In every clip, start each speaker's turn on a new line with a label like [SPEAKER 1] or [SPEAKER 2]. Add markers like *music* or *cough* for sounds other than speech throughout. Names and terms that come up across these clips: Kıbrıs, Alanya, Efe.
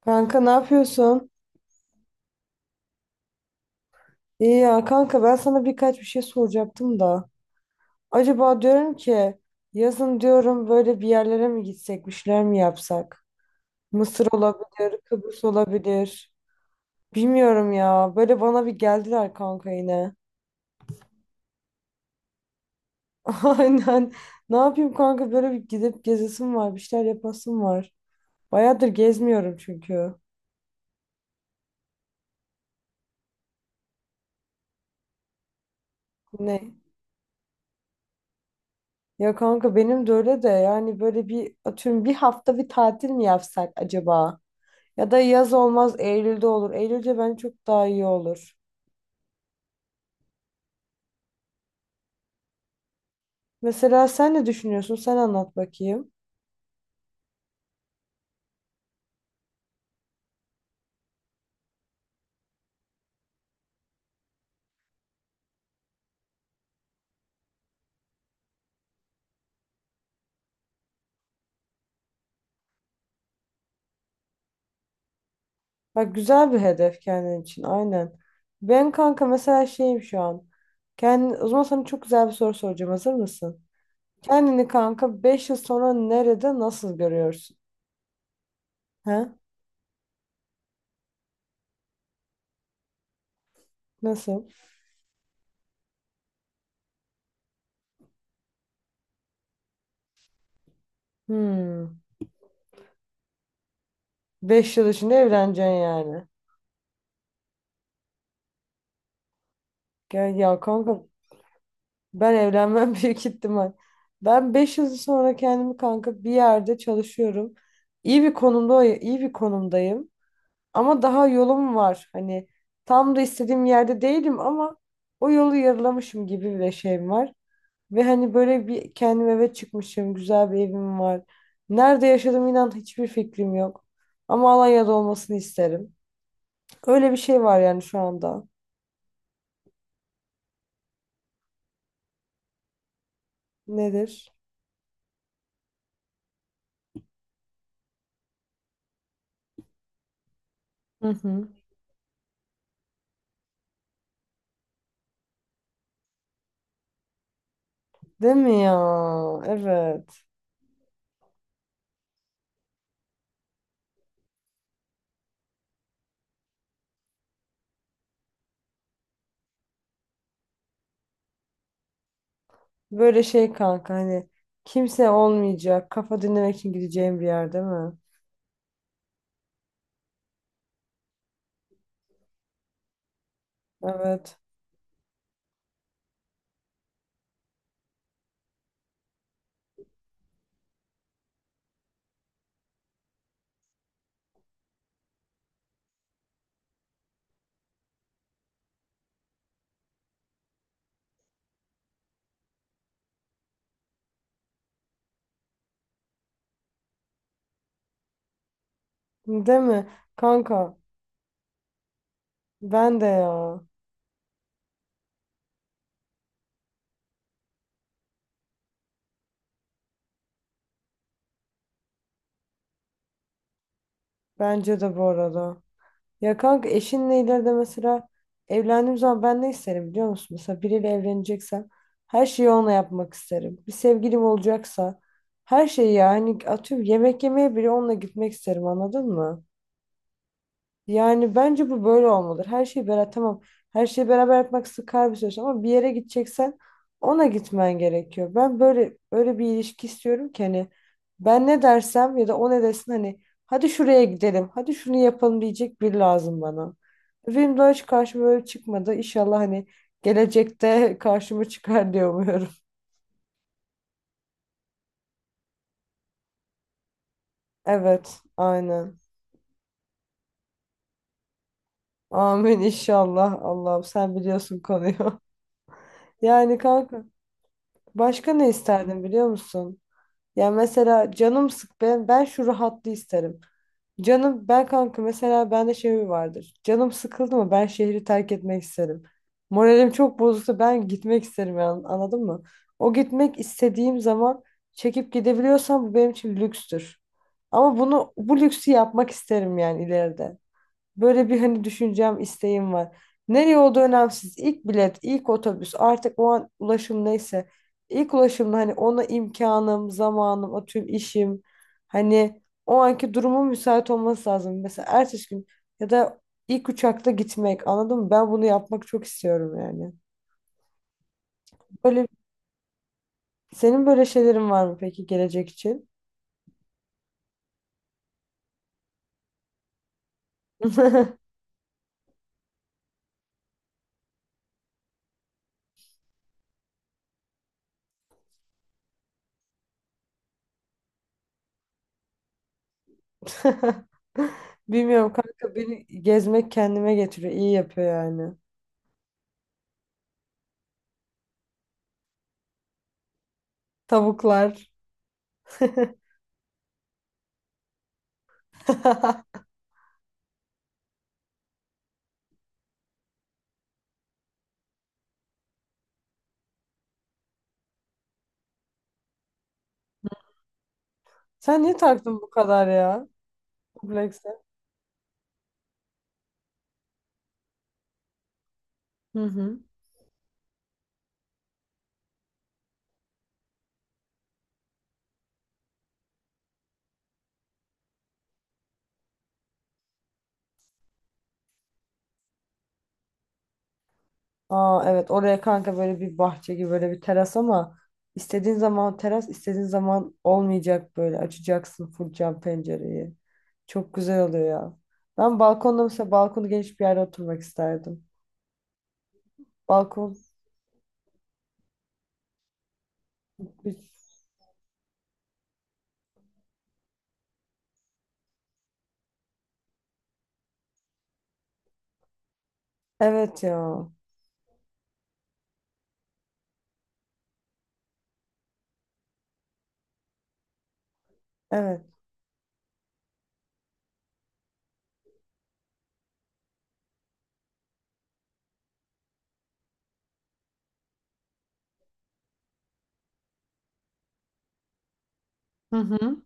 [SPEAKER 1] Kanka ne yapıyorsun? İyi ya kanka ben sana bir şey soracaktım da. Acaba diyorum ki yazın diyorum böyle bir yerlere mi gitsek, bir şeyler mi yapsak? Mısır olabilir, Kıbrıs olabilir. Bilmiyorum ya. Böyle bana bir geldiler kanka yine. *laughs* Aynen. Ne yapayım kanka böyle bir gidip gezesim var, bir şeyler yapasım var. Bayağıdır gezmiyorum çünkü. Ne? Ya kanka benim de öyle de yani böyle bir atıyorum bir hafta bir tatil mi yapsak acaba? Ya da yaz olmaz, Eylül'de olur. Eylül'de bence çok daha iyi olur. Mesela sen ne düşünüyorsun? Sen anlat bakayım. Bak, güzel bir hedef kendin için, aynen. Ben kanka mesela şeyim şu an. Kendi, o zaman sana çok güzel bir soru soracağım. Hazır mısın? Kendini kanka 5 yıl sonra nerede nasıl görüyorsun? He? Nasıl? Hmm. 5 yıl içinde evleneceksin yani. Gel ya kanka. Ben evlenmem *laughs* büyük ihtimal. Ben 5 yıl sonra kendimi kanka bir yerde çalışıyorum. İyi bir konumda, iyi bir konumdayım. Ama daha yolum var. Hani tam da istediğim yerde değilim ama o yolu yarılamışım gibi bir şeyim var. Ve hani böyle bir kendim eve çıkmışım. Güzel bir evim var. Nerede yaşadığım, inan, hiçbir fikrim yok. Ama Alanya'da olmasını isterim. Öyle bir şey var yani şu anda. Nedir? Hı hı. Değil mi ya? Evet. Böyle şey kanka, hani kimse olmayacak. Kafa dinlemek için gideceğim bir yer, değil mi? Evet. Değil mi? Kanka, ben de ya. Bence de bu arada. Ya kanka, eşinle ileride mesela evlendiğim zaman ben ne isterim biliyor musun? Mesela biriyle evleneceksem her şeyi onunla yapmak isterim. Bir sevgilim olacaksa her şeyi, yani atıyorum, yemek yemeye bile onunla gitmek isterim, anladın mı? Yani bence bu böyle olmalıdır. Her şeyi beraber, tamam. Her şeyi beraber yapmak sıkar bir süreç ama bir yere gideceksen ona gitmen gerekiyor. Ben böyle öyle bir ilişki istiyorum ki hani ben ne dersem ya da o ne desin, hani hadi şuraya gidelim, hadi şunu yapalım diyecek biri lazım bana. Benim daha hiç karşıma böyle çıkmadı. İnşallah hani gelecekte *laughs* karşıma çıkar diye umuyorum. Evet, aynen. Amin inşallah. Allah'ım, sen biliyorsun konuyu. *laughs* Yani kanka başka ne isterdin biliyor musun? Ya mesela canım sık, ben şu rahatlığı isterim. Canım, ben kanka mesela bende şey mi vardır. Canım sıkıldı mı ben şehri terk etmek isterim. Moralim çok bozulsa ben gitmek isterim yani, anladın mı? O gitmek istediğim zaman çekip gidebiliyorsam bu benim için lükstür. Ama bunu, bu lüksü yapmak isterim yani ileride. Böyle bir hani düşüncem, isteğim var. Nereye olduğu önemsiz. İlk bilet, ilk otobüs, artık o an ulaşım neyse. İlk ulaşımda hani ona imkanım, zamanım, atıyorum işim. Hani o anki durumun müsait olması lazım. Mesela ertesi gün ya da ilk uçakta gitmek, anladın mı? Ben bunu yapmak çok istiyorum yani. Böyle, senin böyle şeylerin var mı peki gelecek için? *laughs* Bilmiyorum kanka, beni gezmek kendime getiriyor. İyi yapıyor yani. Tavuklar. *laughs* *laughs* Sen niye taktın bu kadar ya? Komplekse. Hı hı. Aa evet, oraya kanka böyle bir bahçe gibi, böyle bir teras ama istediğin zaman teras, istediğin zaman olmayacak, böyle açacaksın full cam pencereyi. Çok güzel oluyor ya. Ben balkonda mesela, balkonu geniş bir yerde oturmak isterdim. Balkon, evet ya. Evet. Hı hı.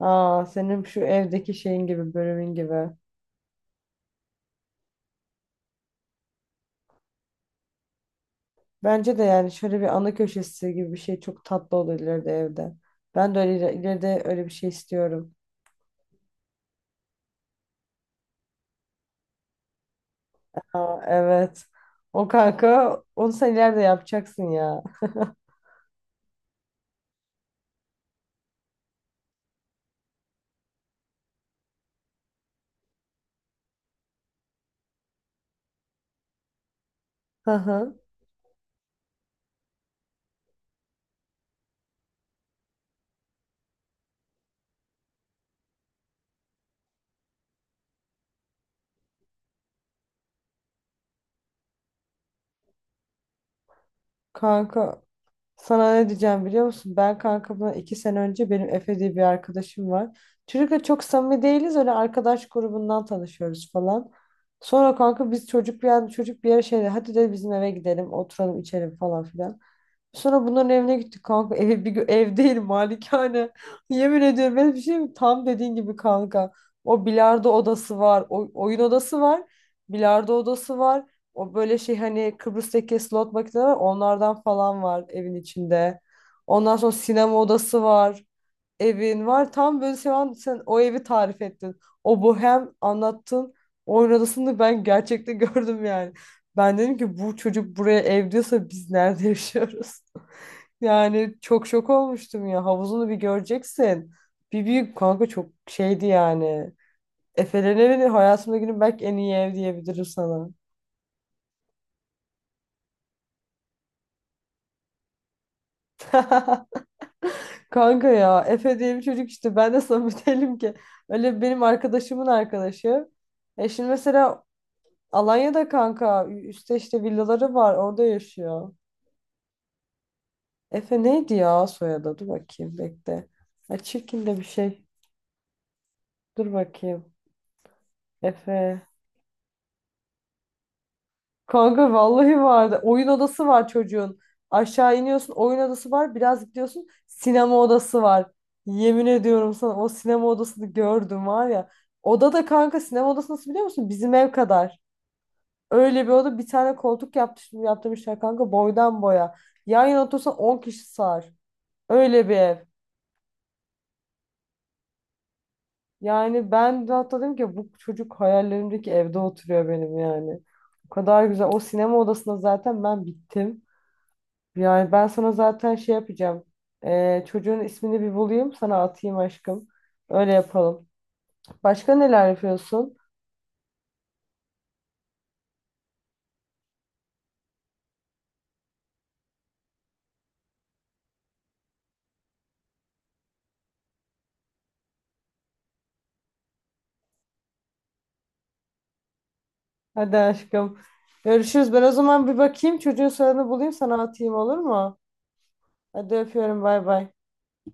[SPEAKER 1] Aa, senin şu evdeki şeyin gibi, bölümün gibi. Bence de yani şöyle bir ana köşesi gibi bir şey çok tatlı olur ileride evde. Ben de öyle ileride öyle bir şey istiyorum. Aa, evet. O kanka, onu sen ileride yapacaksın ya. *laughs* Hı hı. Kanka, sana ne diyeceğim biliyor musun? Ben kanka bundan iki sene önce, benim Efe diye bir arkadaşım var. Çocukla çok samimi değiliz. Öyle arkadaş grubundan tanışıyoruz falan. Sonra kanka biz, çocuk bir yer, çocuk bir yere şeyde, hadi de bizim eve gidelim, oturalım içelim falan filan. Sonra bunların evine gittik kanka. Ev, bir, ev değil, malikane. *laughs* Yemin ediyorum, ben bir şey mi? Tam dediğin gibi kanka. O bilardo odası var. O, oyun odası var. Bilardo odası var. O böyle şey, hani Kıbrıs'taki slot makineleri var. Onlardan falan var evin içinde. Ondan sonra sinema odası var. Evin var. Tam böyle şu an sen o evi tarif ettin. O bohem anlattın. Oyun odasını ben gerçekten *laughs* gördüm yani. Ben dedim ki bu çocuk buraya ev diyorsa biz nerede yaşıyoruz? Yani çok şok olmuştum ya. Havuzunu bir göreceksin. Bir büyük kanka, çok şeydi yani. Efe'nin evi, hayatımda günün belki en iyi ev diyebilirim sana. *laughs* Kanka ya, Efe diye bir çocuk işte, ben de samimi değilim *laughs* ki. Öyle benim arkadaşımın arkadaşı. E şimdi mesela Alanya'da kanka, üstte işte villaları var, orada yaşıyor. Efe neydi ya soyadı? Dur bakayım, bekle. Ha, çirkin de bir şey. Dur bakayım. Efe. Kanka vallahi vardı. Oyun odası var çocuğun. Aşağı iniyorsun, oyun odası var. Biraz gidiyorsun, sinema odası var. Yemin ediyorum sana, o sinema odasını gördüm var ya. Oda da kanka, sinema odası nasıl biliyor musun? Bizim ev kadar. Öyle bir oda, bir tane koltuk yaptırmışlar kanka boydan boya. Yan yana otursan 10 kişi sığar. Öyle bir ev. Yani ben de hatta dedim ki bu çocuk hayallerimdeki evde oturuyor benim yani. O kadar güzel. O sinema odasına zaten ben bittim. Yani ben sana zaten şey yapacağım. Çocuğun ismini bir bulayım, sana atayım aşkım. Öyle yapalım. Başka neler yapıyorsun? Hadi aşkım. Görüşürüz. Ben o zaman bir bakayım, çocuğun soyadını bulayım, sana atayım, olur mu? Hadi öpüyorum, bay bay.